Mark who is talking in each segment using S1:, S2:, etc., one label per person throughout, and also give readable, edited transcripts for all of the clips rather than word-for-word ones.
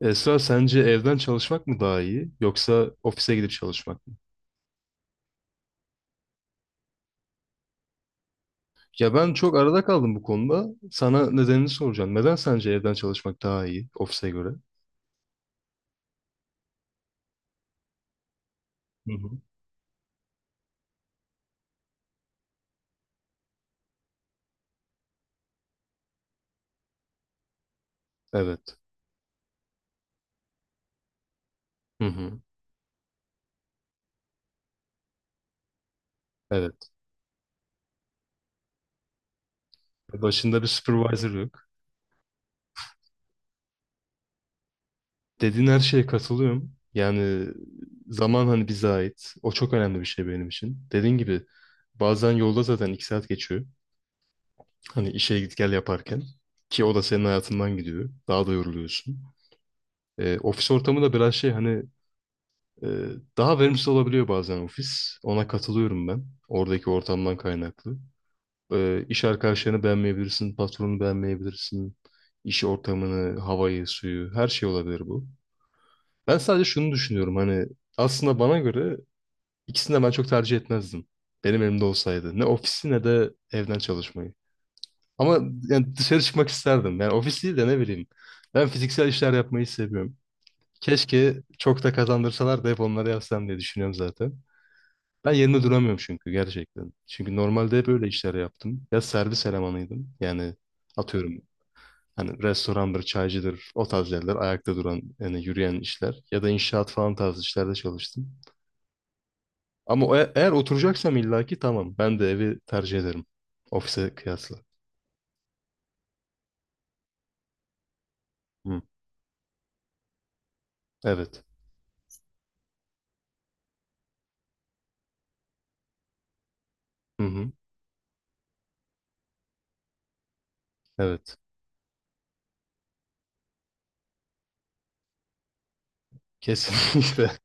S1: Esra sence evden çalışmak mı daha iyi yoksa ofise gidip çalışmak mı? Ya ben çok arada kaldım bu konuda. Sana nedenini soracağım. Neden sence evden çalışmak daha iyi ofise göre? Hı hı. Evet. Hı hı. Evet. Başında bir supervisor yok. Dediğin her şeye katılıyorum. Yani zaman hani bize ait. O çok önemli bir şey benim için. Dediğin gibi bazen yolda zaten 2 saat geçiyor. Hani işe git gel yaparken. Ki o da senin hayatından gidiyor. Daha da yoruluyorsun. Ofis ortamı da biraz şey hani. Ee, daha verimsiz olabiliyor bazen ofis. Ona katılıyorum ben. Oradaki ortamdan kaynaklı. İş arkadaşlarını beğenmeyebilirsin, patronu beğenmeyebilirsin. İş ortamını, havayı, suyu, her şey olabilir bu. Ben sadece şunu düşünüyorum hani aslında bana göre ikisini de ben çok tercih etmezdim. Benim elimde olsaydı. Ne ofisi ne de evden çalışmayı. Ama yani dışarı çıkmak isterdim. Yani ofis değil de ne bileyim. Ben fiziksel işler yapmayı seviyorum. Keşke çok da kazandırsalar da hep onları yapsam diye düşünüyorum zaten. Ben yerinde duramıyorum çünkü gerçekten. Çünkü normalde hep öyle işler yaptım. Ya servis elemanıydım. Yani atıyorum hani restorandır, çaycıdır, o tarz yerler, ayakta duran, yani yürüyen işler. Ya da inşaat falan tarzı işlerde çalıştım. Ama eğer oturacaksam illaki tamam. Ben de evi tercih ederim. Ofise kıyasla. Hı. Evet. Hı hı. Evet. Kesinlikle.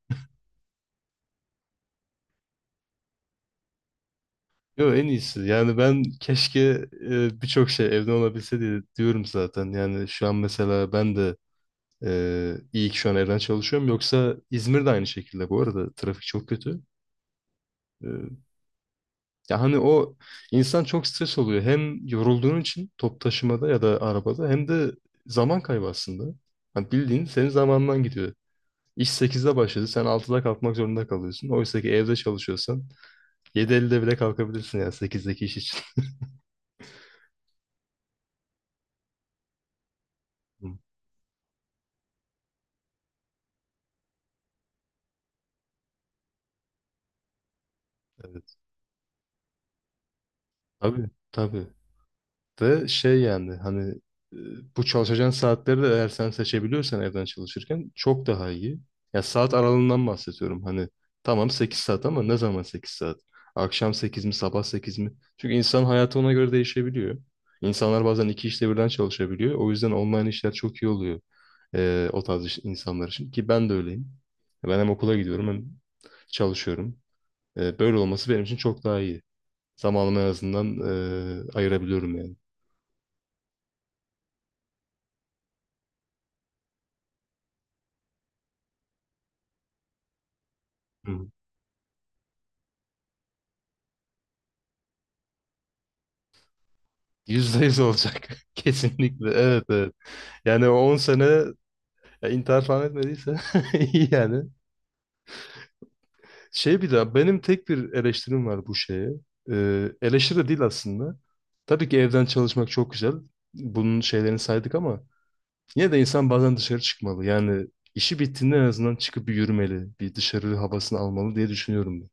S1: Yo en iyisi. Yani ben keşke birçok şey evden olabilse diye diyorum zaten. Yani şu an mesela ben de. İyi ki şu an evden çalışıyorum. Yoksa İzmir'de aynı şekilde bu arada. Trafik çok kötü. Ee, ya hani o insan çok stres oluyor. Hem yorulduğun için top taşımada ya da arabada hem de zaman kaybı aslında. Hani bildiğin senin zamanından gidiyor. İş 8'de başladı. Sen 6'da kalkmak zorunda kalıyorsun. Oysa ki evde çalışıyorsan 7.50'de bile kalkabilirsin ya 8'deki iş için. Hı, evet. Tabii, tabii. de şey yani hani e, bu çalışacağın saatleri de eğer sen seçebiliyorsan evden çalışırken çok daha iyi. Ya saat aralığından bahsediyorum. Hani tamam 8 saat ama ne zaman 8 saat? Akşam 8 mi sabah 8 mi? Çünkü insan hayatı ona göre değişebiliyor. İnsanlar bazen iki işte birden çalışabiliyor. O yüzden online işler çok iyi oluyor o tarz insanlar için. Ki ben de öyleyim. Ben hem okula gidiyorum hem çalışıyorum. Böyle olması benim için çok daha iyi. Zamanımı en azından ayırabiliyorum yani. %100 olacak. Kesinlikle. Evet, evet. Yani o 10 sene ya, intihar falan etmediyse iyi yani. Şey bir daha benim tek bir eleştirim var bu şeye. Eleştiri de değil aslında. Tabii ki evden çalışmak çok güzel. Bunun şeylerini saydık ama yine de insan bazen dışarı çıkmalı. Yani işi bittiğinde en azından çıkıp bir yürümeli. Bir dışarı havasını almalı diye düşünüyorum ben.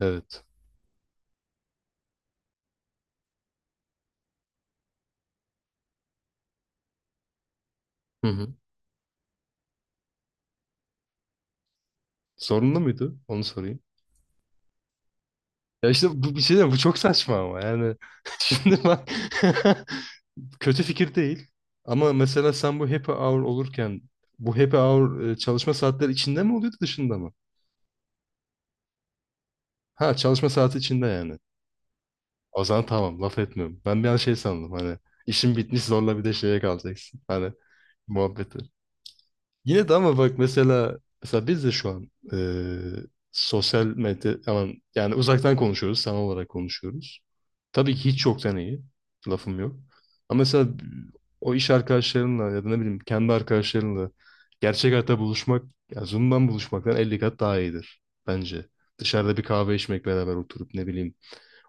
S1: Evet. Hı hı. Sorunlu muydu? Onu sorayım. Ya işte bu bir şey diyeyim, bu çok saçma ama yani şimdi bak. Kötü fikir değil. Ama mesela sen bu happy hour olurken bu happy hour çalışma saatleri içinde mi oluyordu dışında mı? Ha çalışma saati içinde yani. O zaman tamam laf etmiyorum. Ben bir an şey sandım hani işin bitmiş zorla bir de şeye kalacaksın. Hani muhabbeti. Yine de ama bak mesela biz de şu an sosyal medya aman, yani uzaktan konuşuyoruz, sanal olarak konuşuyoruz. Tabii ki hiç yoktan iyi. Lafım yok. Ama mesela o iş arkadaşlarınla ya da ne bileyim kendi arkadaşlarınla gerçek hayatta buluşmak, ya Zoom'dan buluşmaktan 50 kat daha iyidir bence. Dışarıda bir kahve içmek beraber oturup ne bileyim.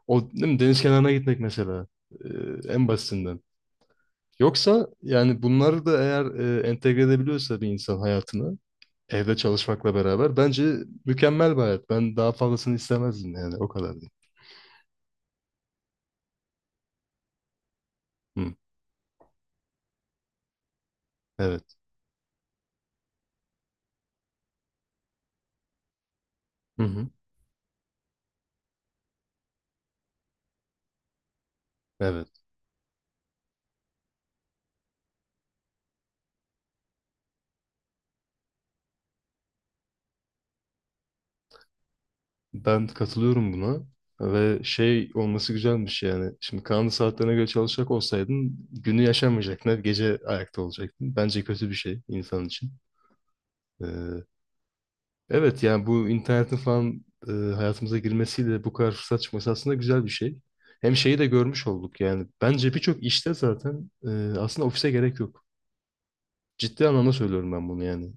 S1: O değil mi, deniz kenarına gitmek mesela, eee, en basitinden. Yoksa yani bunları da eğer entegre edebiliyorsa bir insan hayatına, evde çalışmakla beraber bence mükemmel bir hayat. Ben daha fazlasını istemezdim yani o kadar diyeyim. Hı, evet. Hı hı. Evet. Ben katılıyorum buna. Ve şey olması güzelmiş yani. Şimdi kanun saatlerine göre çalışacak olsaydın günü yaşamayacaktın. Hep gece ayakta olacaktın. Bence kötü bir şey insan için. Ee, evet yani bu internetin falan hayatımıza girmesiyle bu kadar fırsat çıkması aslında güzel bir şey. Hem şeyi de görmüş olduk yani. Bence birçok işte zaten aslında ofise gerek yok. Ciddi anlamda söylüyorum ben bunu yani.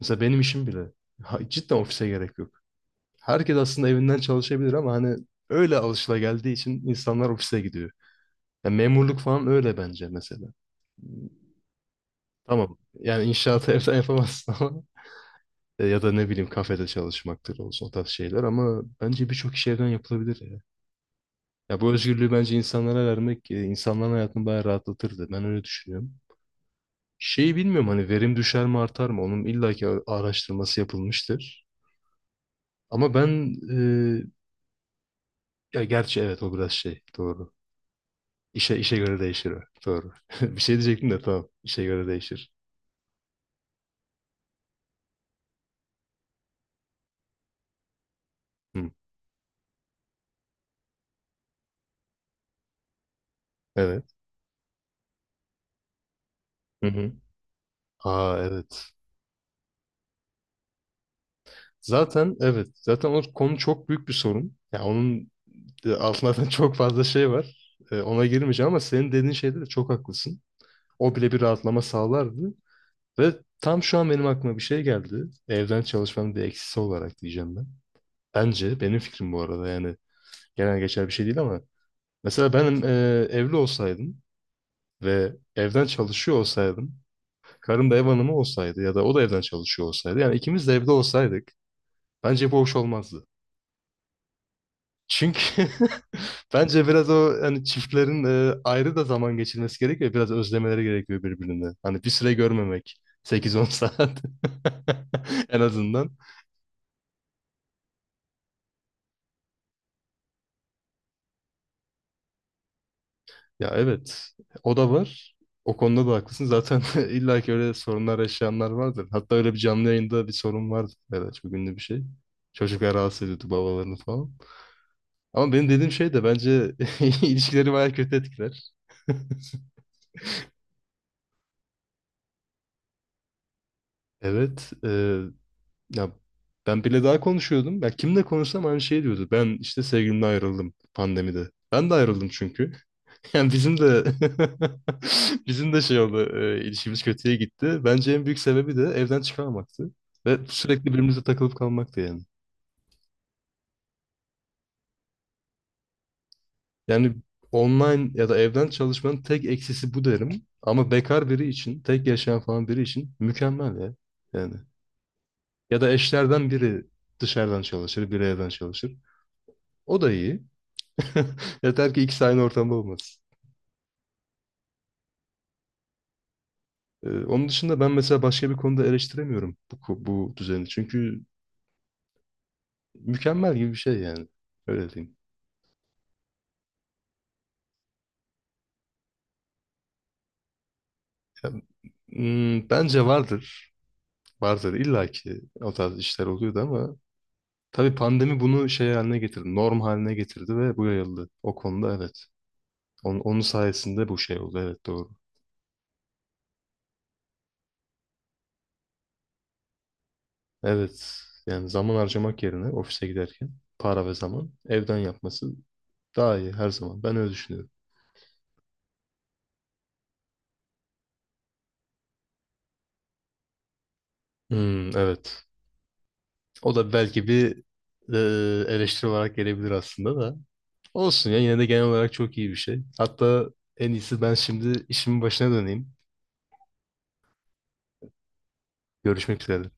S1: Mesela benim işim bile. Ha, cidden ofise gerek yok. Herkes aslında evinden çalışabilir ama hani öyle alışılageldiği için insanlar ofise gidiyor. Ya memurluk falan öyle bence mesela. Tamam. Yani inşaatı evden yapamazsın ama ya da ne bileyim kafede çalışmaktır olsun o tarz şeyler ama bence birçok iş evden yapılabilir ya. Ya bu özgürlüğü bence insanlara vermek insanların hayatını bayağı rahatlatırdı. Ben öyle düşünüyorum. Şeyi bilmiyorum hani verim düşer mi artar mı? Onun illaki araştırması yapılmıştır. Ama ben ya gerçi evet o biraz şey doğru. İşe göre değişir o. Doğru. Bir şey diyecektim de tamam. İşe göre değişir. Hı. Evet. Hı hı. Aa evet. Zaten evet. Zaten o konu çok büyük bir sorun. Ya onun altında zaten çok fazla şey var. Ona girmeyeceğim ama senin dediğin şeyde de çok haklısın. O bile bir rahatlama sağlardı. Ve tam şu an benim aklıma bir şey geldi. Evden çalışmanın bir eksisi olarak diyeceğim ben. Bence benim fikrim bu arada yani genel geçer bir şey değil ama mesela ben evli olsaydım ve evden çalışıyor olsaydım, karım da ev hanımı olsaydı ya da o da evden çalışıyor olsaydı, yani ikimiz de evde olsaydık bence bu hoş olmazdı. Çünkü bence biraz o hani çiftlerin ayrı da zaman geçirmesi gerekiyor, biraz özlemeleri gerekiyor birbirini. Hani bir süre görmemek, 8-10 saat en azından. Ya evet, o da var. O konuda da haklısın. Zaten illa ki öyle sorunlar yaşayanlar vardır. Hatta öyle bir canlı yayında bir sorun vardı. Evet, çok ünlü bir şey. Çocuklar rahatsız ediyordu babalarını falan. Ama benim dediğim şey de bence ilişkileri bayağı kötü etkiler. Evet, ya ben bile daha konuşuyordum. Ya kimle konuşsam aynı şey diyordu. Ben işte sevgilimle ayrıldım pandemide. Ben de ayrıldım çünkü. Yani bizim de bizim de şey oldu, ilişkimiz kötüye gitti. Bence en büyük sebebi de evden çıkamamaktı ve sürekli birbirimize takılıp kalmaktı yani. Yani online ya da evden çalışmanın tek eksisi bu derim. Ama bekar biri için, tek yaşayan falan biri için mükemmel ya. Yani ya da eşlerden biri dışarıdan çalışır, biri evden çalışır. O da iyi. Yeter ki ikisi aynı ortamda olmasın. Onun dışında ben mesela başka bir konuda eleştiremiyorum bu düzeni. Çünkü mükemmel gibi bir şey yani. Öyle diyeyim. Ya, bence vardır. Vardır. İlla ki o tarz işler oluyordu ama tabii pandemi bunu şey haline getirdi. Norm haline getirdi ve bu yayıldı. O konuda evet. Onun sayesinde bu şey oldu. Evet doğru. Evet. Yani zaman harcamak yerine ofise giderken para ve zaman evden yapması daha iyi her zaman. Ben öyle düşünüyorum. Hmm, evet. O da belki bir eleştiri olarak gelebilir aslında da. Olsun ya yine de genel olarak çok iyi bir şey. Hatta en iyisi ben şimdi işimin başına döneyim. Görüşmek üzere.